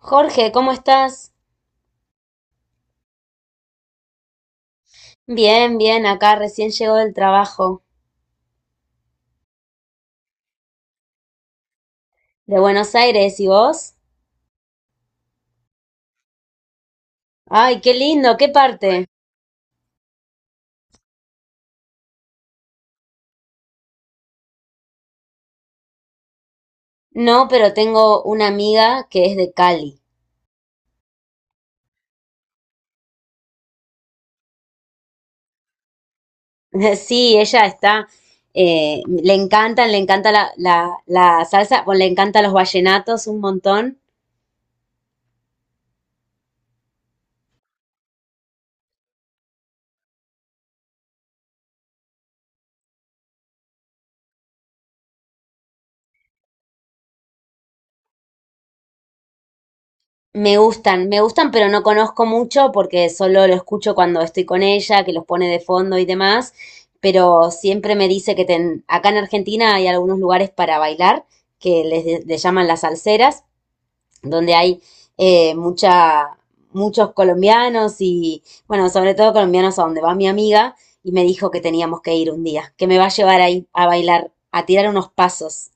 Jorge, ¿cómo estás? Bien, bien, acá recién llegó del trabajo. De Buenos Aires, ¿y vos? Ay, qué lindo, ¿qué parte? No, pero tengo una amiga que es de Cali. Sí, ella está, le encanta la salsa, bueno, le encantan los vallenatos un montón. Me gustan, pero no conozco mucho porque solo lo escucho cuando estoy con ella, que los pone de fondo y demás, pero siempre me dice que acá en Argentina hay algunos lugares para bailar que les, le llaman las salseras, donde hay eh, mucha, muchos colombianos y, bueno, sobre todo colombianos a donde va mi amiga y me dijo que teníamos que ir un día, que me va a llevar ahí a bailar, a tirar unos pasos.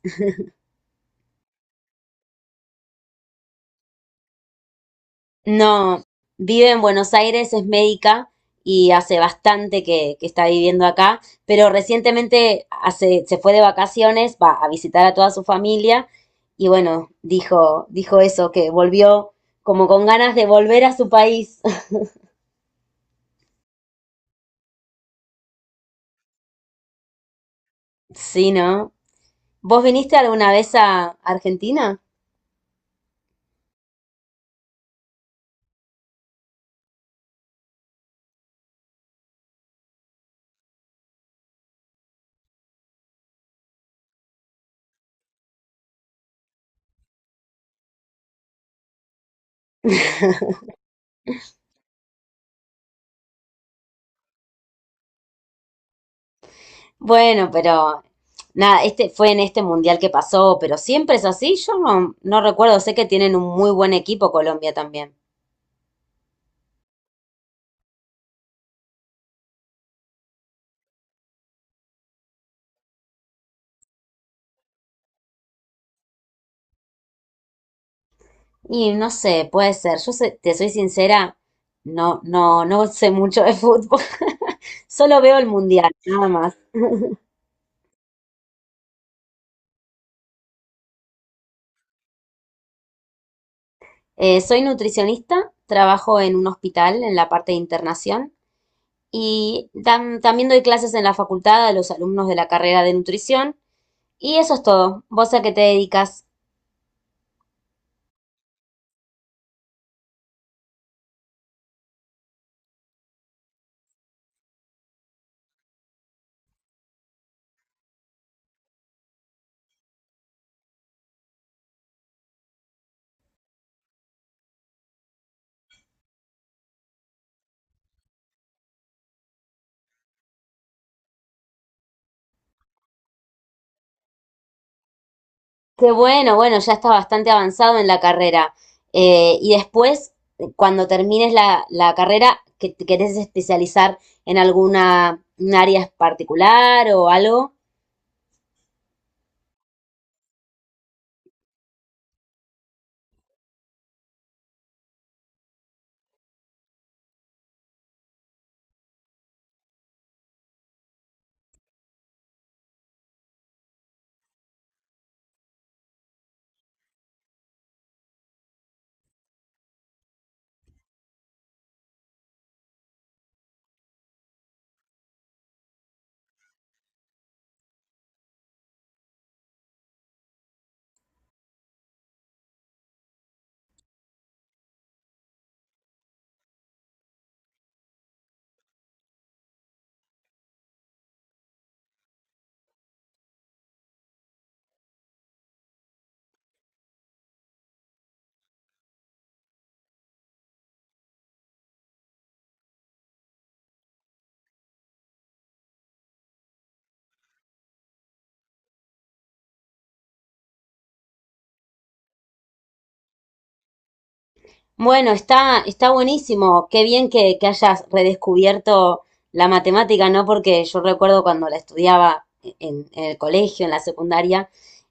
No, vive en Buenos Aires, es médica y hace bastante que está viviendo acá, pero recientemente hace, se fue de vacaciones, va a visitar a toda su familia y bueno, dijo eso, que volvió como con ganas de volver a su país. Sí, ¿no? ¿Vos viniste alguna vez a Argentina? Bueno, pero nada, este fue en este mundial que pasó, pero siempre es así. Yo no recuerdo, sé que tienen un muy buen equipo Colombia también. Y no sé, puede ser. Yo te soy sincera, no sé mucho de fútbol. Solo veo el mundial, nada más. Soy nutricionista, trabajo en un hospital en la parte de internación y también doy clases en la facultad a los alumnos de la carrera de nutrición. Y eso es todo. ¿Vos a qué te dedicas? Qué bueno, bueno, ya estás bastante avanzado en la carrera. Y después, cuando termines la carrera, ¿que te querés especializar en alguna un área particular o algo? Bueno, está buenísimo. Qué bien que hayas redescubierto la matemática, ¿no? Porque yo recuerdo cuando la estudiaba en el colegio, en la secundaria,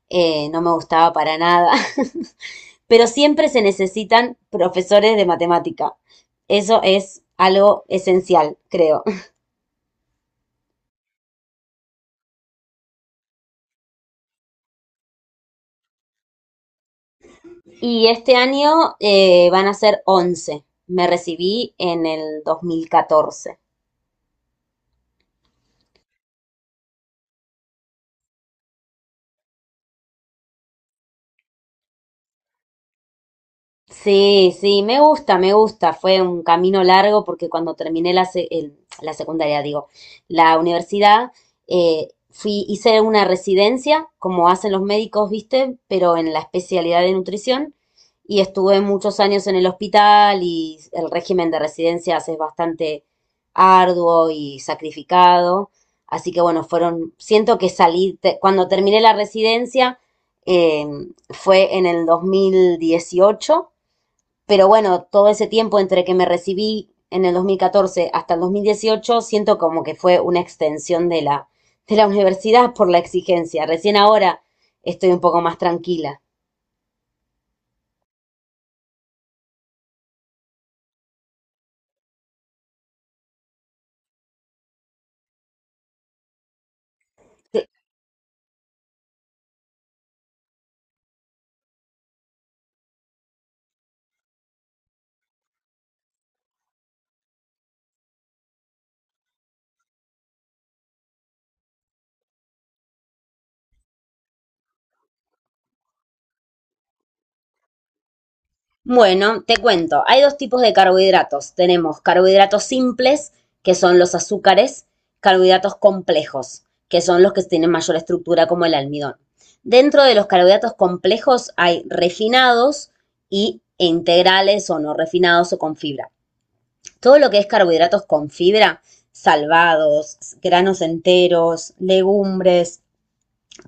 no me gustaba para nada. Pero siempre se necesitan profesores de matemática. Eso es algo esencial, creo. Y este año van a ser 11. Me recibí en el 2014. Sí, sí, me gusta, me gusta. Fue un camino largo porque cuando terminé la secundaria, digo, la universidad, fui, hice una residencia, como hacen los médicos, ¿viste? Pero en la especialidad de nutrición. Y estuve muchos años en el hospital y el régimen de residencias es bastante arduo y sacrificado. Así que bueno, fueron, siento que salí, cuando terminé la residencia, eh, fue en el 2018. Pero bueno, todo ese tiempo entre que me recibí en el 2014 hasta el 2018 siento como que fue una extensión de de la universidad por la exigencia. Recién ahora estoy un poco más tranquila. Te- Bueno, te cuento, hay dos tipos de carbohidratos. Tenemos carbohidratos simples, que son los azúcares, carbohidratos complejos, que son los que tienen mayor estructura como el almidón. Dentro de los carbohidratos complejos hay refinados e integrales o no refinados o con fibra. Todo lo que es carbohidratos con fibra, salvados, granos enteros, legumbres,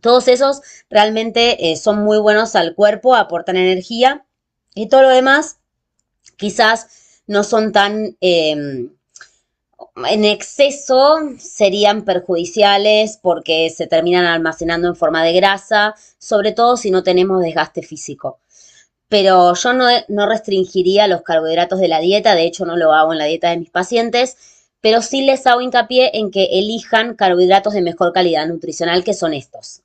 todos esos realmente son muy buenos al cuerpo, aportan energía y todo lo demás quizás no son tan. En exceso serían perjudiciales porque se terminan almacenando en forma de grasa, sobre todo si no tenemos desgaste físico. Pero yo no restringiría los carbohidratos de la dieta, de hecho no lo hago en la dieta de mis pacientes, pero sí les hago hincapié en que elijan carbohidratos de mejor calidad nutricional que son estos.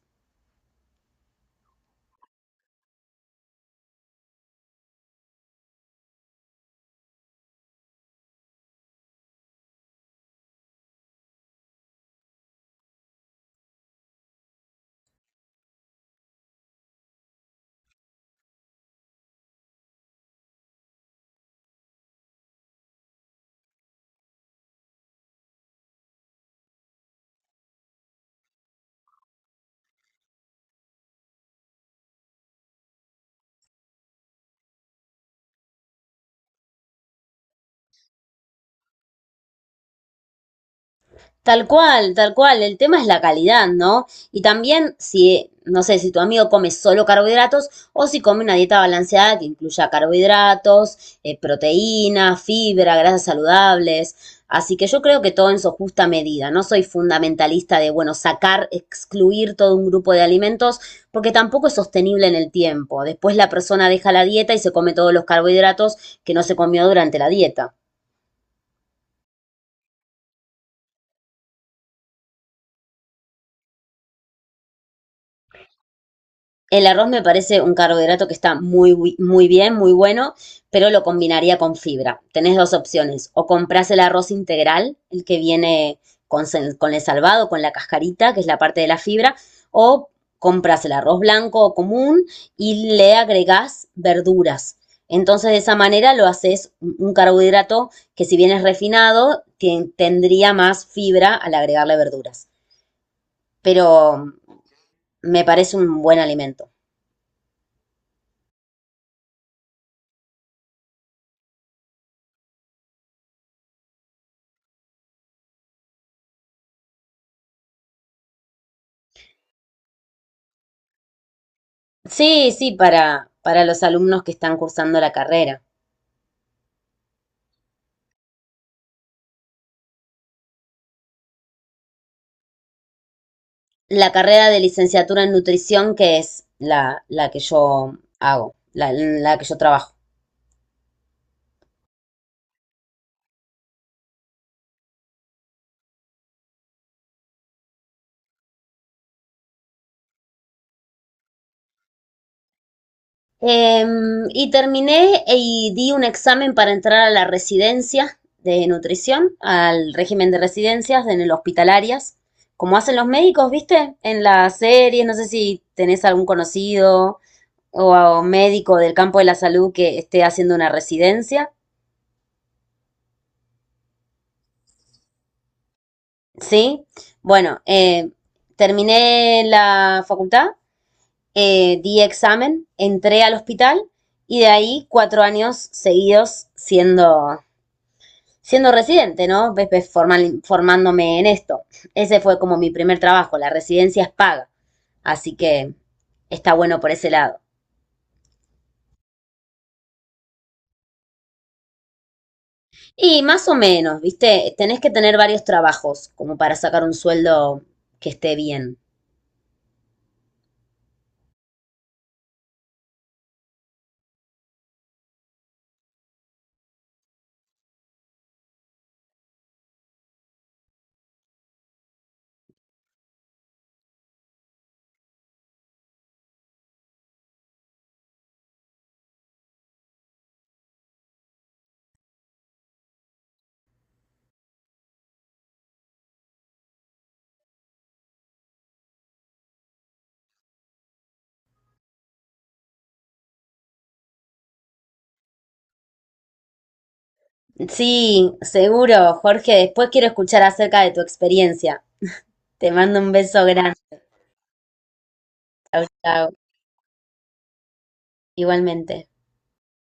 Tal cual, tal cual. El tema es la calidad, ¿no? Y también si, no sé, si tu amigo come solo carbohidratos o si come una dieta balanceada que incluya carbohidratos, proteína, fibra, grasas saludables. Así que yo creo que todo en su justa medida. No soy fundamentalista de, bueno, sacar, excluir todo un grupo de alimentos porque tampoco es sostenible en el tiempo. Después la persona deja la dieta y se come todos los carbohidratos que no se comió durante la dieta. El arroz me parece un carbohidrato que está muy, muy bien, muy bueno, pero lo combinaría con fibra. Tenés dos opciones, o compras el arroz integral, el que viene con, con el salvado, con la cascarita, que es la parte de la fibra, o compras el arroz blanco o común y le agregás verduras. Entonces, de esa manera lo haces un carbohidrato que si bien es refinado, tendría más fibra al agregarle verduras. Pero me parece un buen alimento. Sí, sí, para los alumnos que están cursando la carrera. La carrera de licenciatura en nutrición, que es la que yo hago, la que yo trabajo. Y terminé y di un examen para entrar a la residencia de nutrición, al régimen de residencias en el hospital hospitalarias, como hacen los médicos, ¿viste? En las series, no sé si tenés algún conocido o, o médico del campo de la salud que esté haciendo una residencia. Sí, bueno, terminé la facultad, di examen, entré al hospital y de ahí 4 años seguidos siendo residente, ¿no? Formándome en esto. Ese fue como mi primer trabajo, la residencia es paga, así que está bueno por ese lado. Y más o menos, ¿viste? Tenés que tener varios trabajos como para sacar un sueldo que esté bien. Sí, seguro, Jorge. Después quiero escuchar acerca de tu experiencia. Te mando un beso grande. Chau, chau. Igualmente.